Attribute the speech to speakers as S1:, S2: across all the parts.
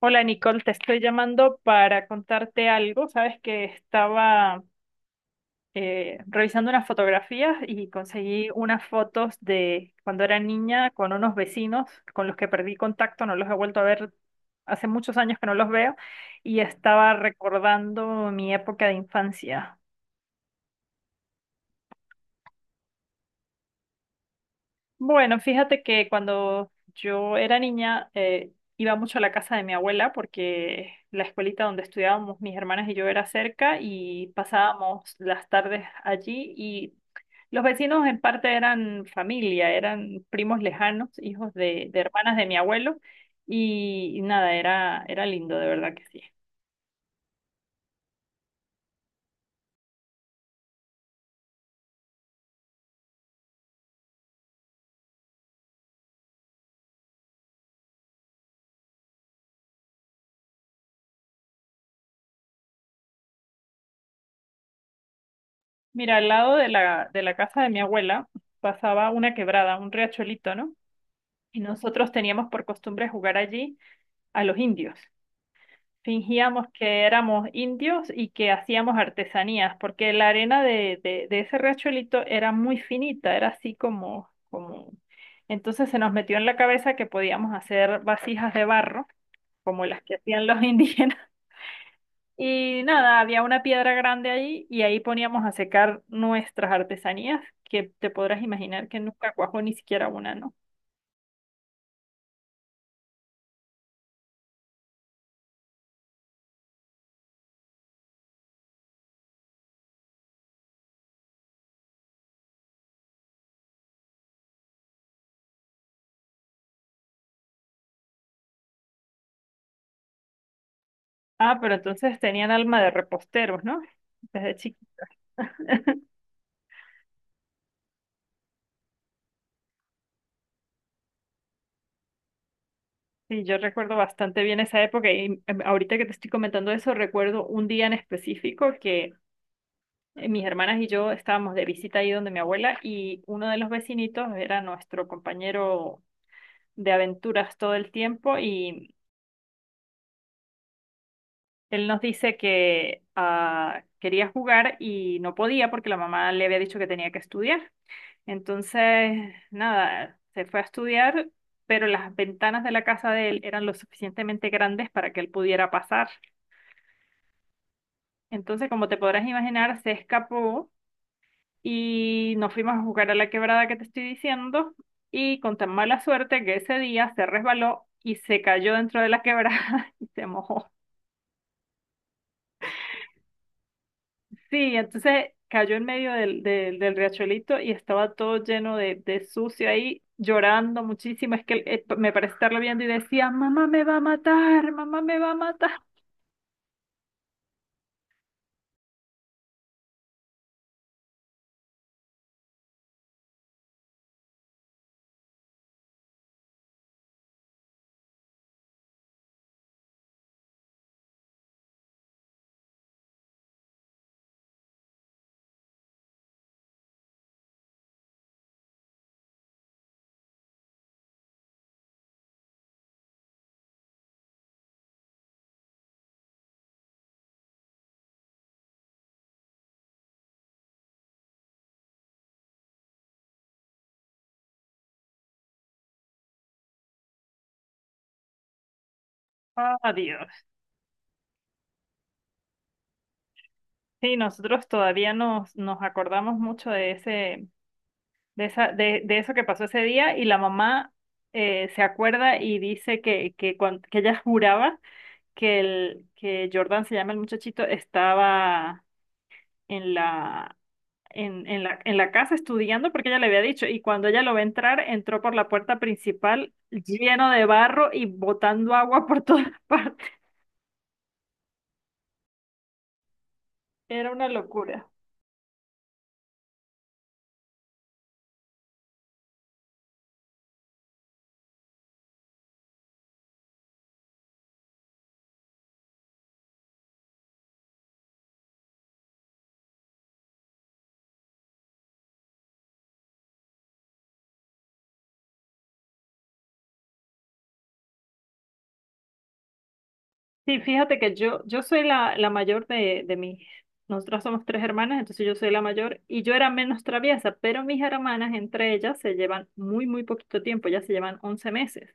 S1: Hola Nicole, te estoy llamando para contarte algo. Sabes que estaba revisando unas fotografías y conseguí unas fotos de cuando era niña con unos vecinos con los que perdí contacto, no los he vuelto a ver hace muchos años que no los veo y estaba recordando mi época de infancia. Bueno, fíjate que cuando yo era niña iba mucho a la casa de mi abuela porque la escuelita donde estudiábamos mis hermanas y yo era cerca y pasábamos las tardes allí y los vecinos en parte eran familia, eran primos lejanos, hijos de hermanas de mi abuelo y nada, era lindo, de verdad que sí. Mira, al lado de la casa de mi abuela pasaba una quebrada, un riachuelito, ¿no? Y nosotros teníamos por costumbre jugar allí a los indios. Fingíamos que éramos indios y que hacíamos artesanías, porque la arena de ese riachuelito era muy finita, era así como... Entonces se nos metió en la cabeza que podíamos hacer vasijas de barro, como las que hacían los indígenas. Y nada, había una piedra grande allí y ahí poníamos a secar nuestras artesanías, que te podrás imaginar que nunca cuajó ni siquiera una, ¿no? Ah, pero entonces tenían alma de reposteros, ¿no? Desde chiquitos. Sí, yo recuerdo bastante bien esa época y ahorita que te estoy comentando eso, recuerdo un día en específico que mis hermanas y yo estábamos de visita ahí donde mi abuela y uno de los vecinitos era nuestro compañero de aventuras todo el tiempo y él nos dice que quería jugar y no podía porque la mamá le había dicho que tenía que estudiar. Entonces, nada, se fue a estudiar, pero las ventanas de la casa de él eran lo suficientemente grandes para que él pudiera pasar. Entonces, como te podrás imaginar, se escapó y nos fuimos a jugar a la quebrada que te estoy diciendo y con tan mala suerte que ese día se resbaló y se cayó dentro de la quebrada y se mojó. Sí, entonces cayó en medio del riachuelito y estaba todo lleno de sucio ahí, llorando muchísimo. Es que me parece estarlo viendo y decía, mamá me va a matar, mamá me va a matar. Ah, Dios. Sí, nosotros todavía nos acordamos mucho de ese, de, esa, de eso que pasó ese día y la mamá se acuerda y dice que ella juraba que Jordan, se llama el muchachito, estaba en la, en la casa estudiando porque ella le había dicho y cuando ella lo ve entrar, entró por la puerta principal lleno de barro y botando agua por todas partes. Era una locura. Sí, fíjate que yo soy la mayor de nosotras somos tres hermanas, entonces yo soy la mayor y yo era menos traviesa, pero mis hermanas entre ellas se llevan muy poquito tiempo, ya se llevan 11 meses.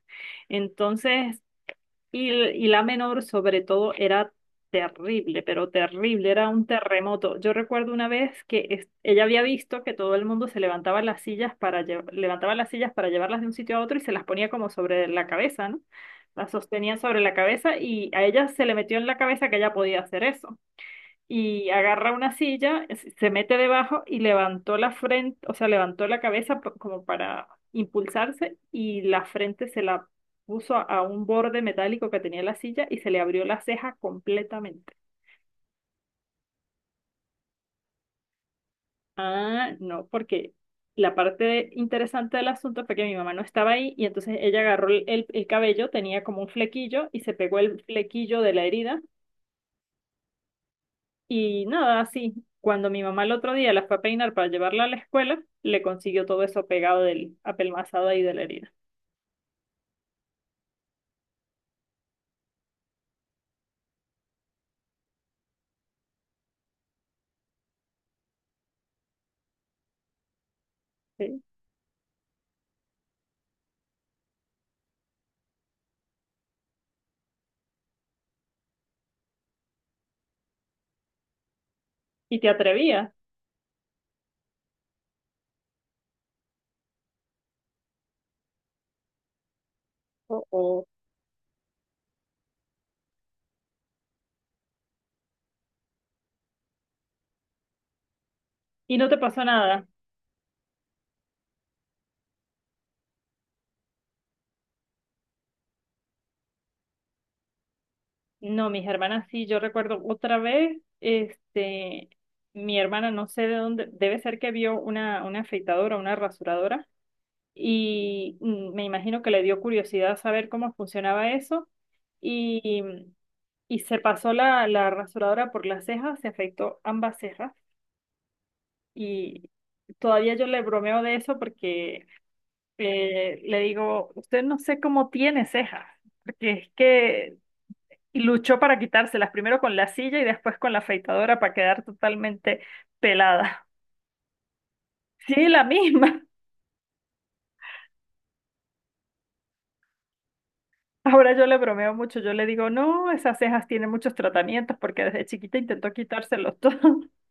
S1: Entonces, y la menor, sobre todo, era terrible, pero terrible, era un terremoto. Yo recuerdo una vez que ella había visto que todo el mundo se levantaba las sillas para levantaba las sillas para llevarlas de un sitio a otro y se las ponía como sobre la cabeza, ¿no? Las sostenían sobre la cabeza y a ella se le metió en la cabeza que ella podía hacer eso y agarra una silla, se mete debajo y levantó la frente, o sea, levantó la cabeza como para impulsarse y la frente se la puso a un borde metálico que tenía la silla y se le abrió la ceja completamente. Ah, no, porque la parte interesante del asunto fue que mi mamá no estaba ahí y entonces ella agarró el cabello, tenía como un flequillo y se pegó el flequillo de la herida. Y nada, así, cuando mi mamá el otro día la fue a peinar para llevarla a la escuela, le consiguió todo eso pegado del apelmazado ahí de la herida. ¿Sí? ¿Y te atrevías? O, o- Y no te pasó nada. No, mis hermanas sí, yo recuerdo otra vez, este, mi hermana no sé de dónde, debe ser que vio una afeitadora, una rasuradora, y mm, me imagino que le dio curiosidad saber cómo funcionaba eso, y, y se pasó la rasuradora por las cejas, se afeitó ambas cejas. Y todavía yo le bromeo de eso porque le digo, usted no sé cómo tiene cejas, porque es que luchó para quitárselas, primero con la silla y después con la afeitadora para quedar totalmente pelada. Sí, la misma. Ahora yo le bromeo mucho, yo le digo, no, esas cejas tienen muchos tratamientos porque desde chiquita intentó quitárselos todos.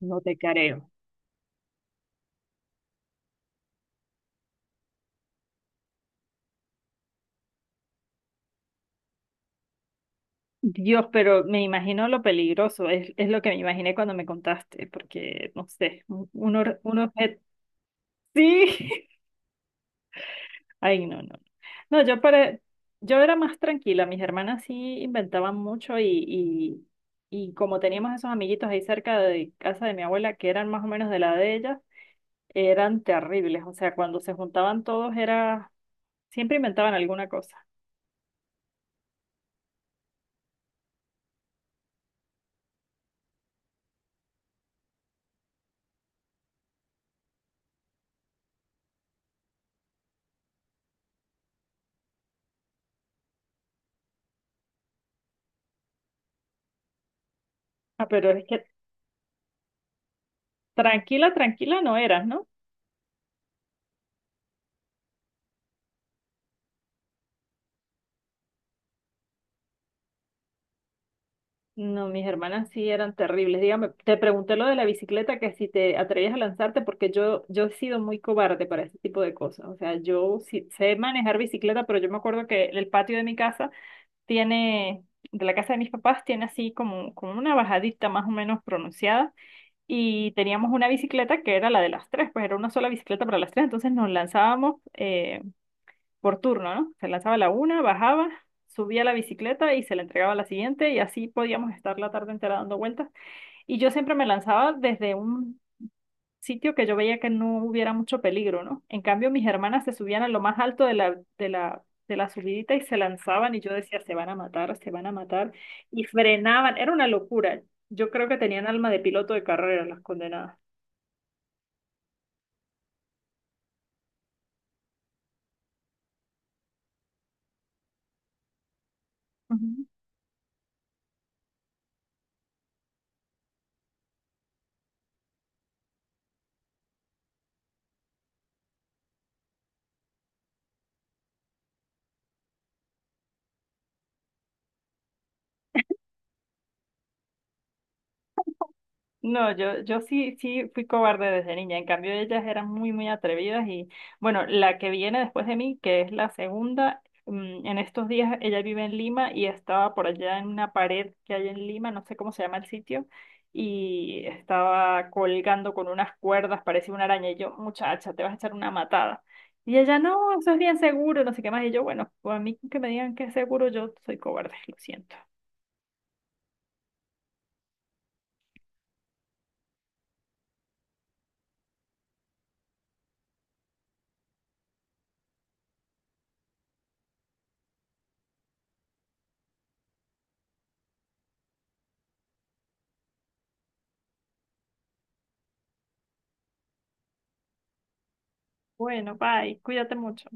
S1: No te careo. Dios, pero me imagino lo peligroso, es lo que me imaginé cuando me contaste, porque no sé, un objeto. Sí. Ay, no, no. No, yo para, yo era más tranquila. Mis hermanas sí inventaban mucho y como teníamos esos amiguitos ahí cerca de casa de mi abuela que eran más o menos de la de ellas, eran terribles. O sea, cuando se juntaban todos era, siempre inventaban alguna cosa. Ah, pero es que tranquila, tranquila no eras, ¿no? No, mis hermanas sí eran terribles. Dígame, te pregunté lo de la bicicleta, que si te atrevías a lanzarte, porque yo he sido muy cobarde para ese tipo de cosas. O sea, yo sí sé manejar bicicleta, pero yo me acuerdo que el patio de mi casa tiene, de la casa de mis papás, tiene así como una bajadita más o menos pronunciada. Y teníamos una bicicleta que era la de las tres, pues era una sola bicicleta para las tres. Entonces nos lanzábamos, por turno, ¿no? Se lanzaba la una, bajaba, subía la bicicleta y se la entregaba a la siguiente y así podíamos estar la tarde entera dando vueltas. Y yo siempre me lanzaba desde un sitio que yo veía que no hubiera mucho peligro, ¿no? En cambio, mis hermanas se subían a lo más alto de la subidita y se lanzaban y yo decía, se van a matar, se van a matar y frenaban. Era una locura. Yo creo que tenían alma de piloto de carrera las condenadas. Ujú. No, sí fui cobarde desde niña. En cambio, ellas eran muy atrevidas y bueno, la que viene después de mí, que es la segunda, mm, en estos días ella vive en Lima y estaba por allá en una pared que hay en Lima, no sé cómo se llama el sitio, y estaba colgando con unas cuerdas, parecía una araña, y yo, muchacha, te vas a echar una matada. Y ella, no, eso es bien seguro, no sé qué más. Y yo, bueno, pues a mí que me digan que es seguro, yo soy cobarde, lo siento. Bueno, bye, cuídate mucho.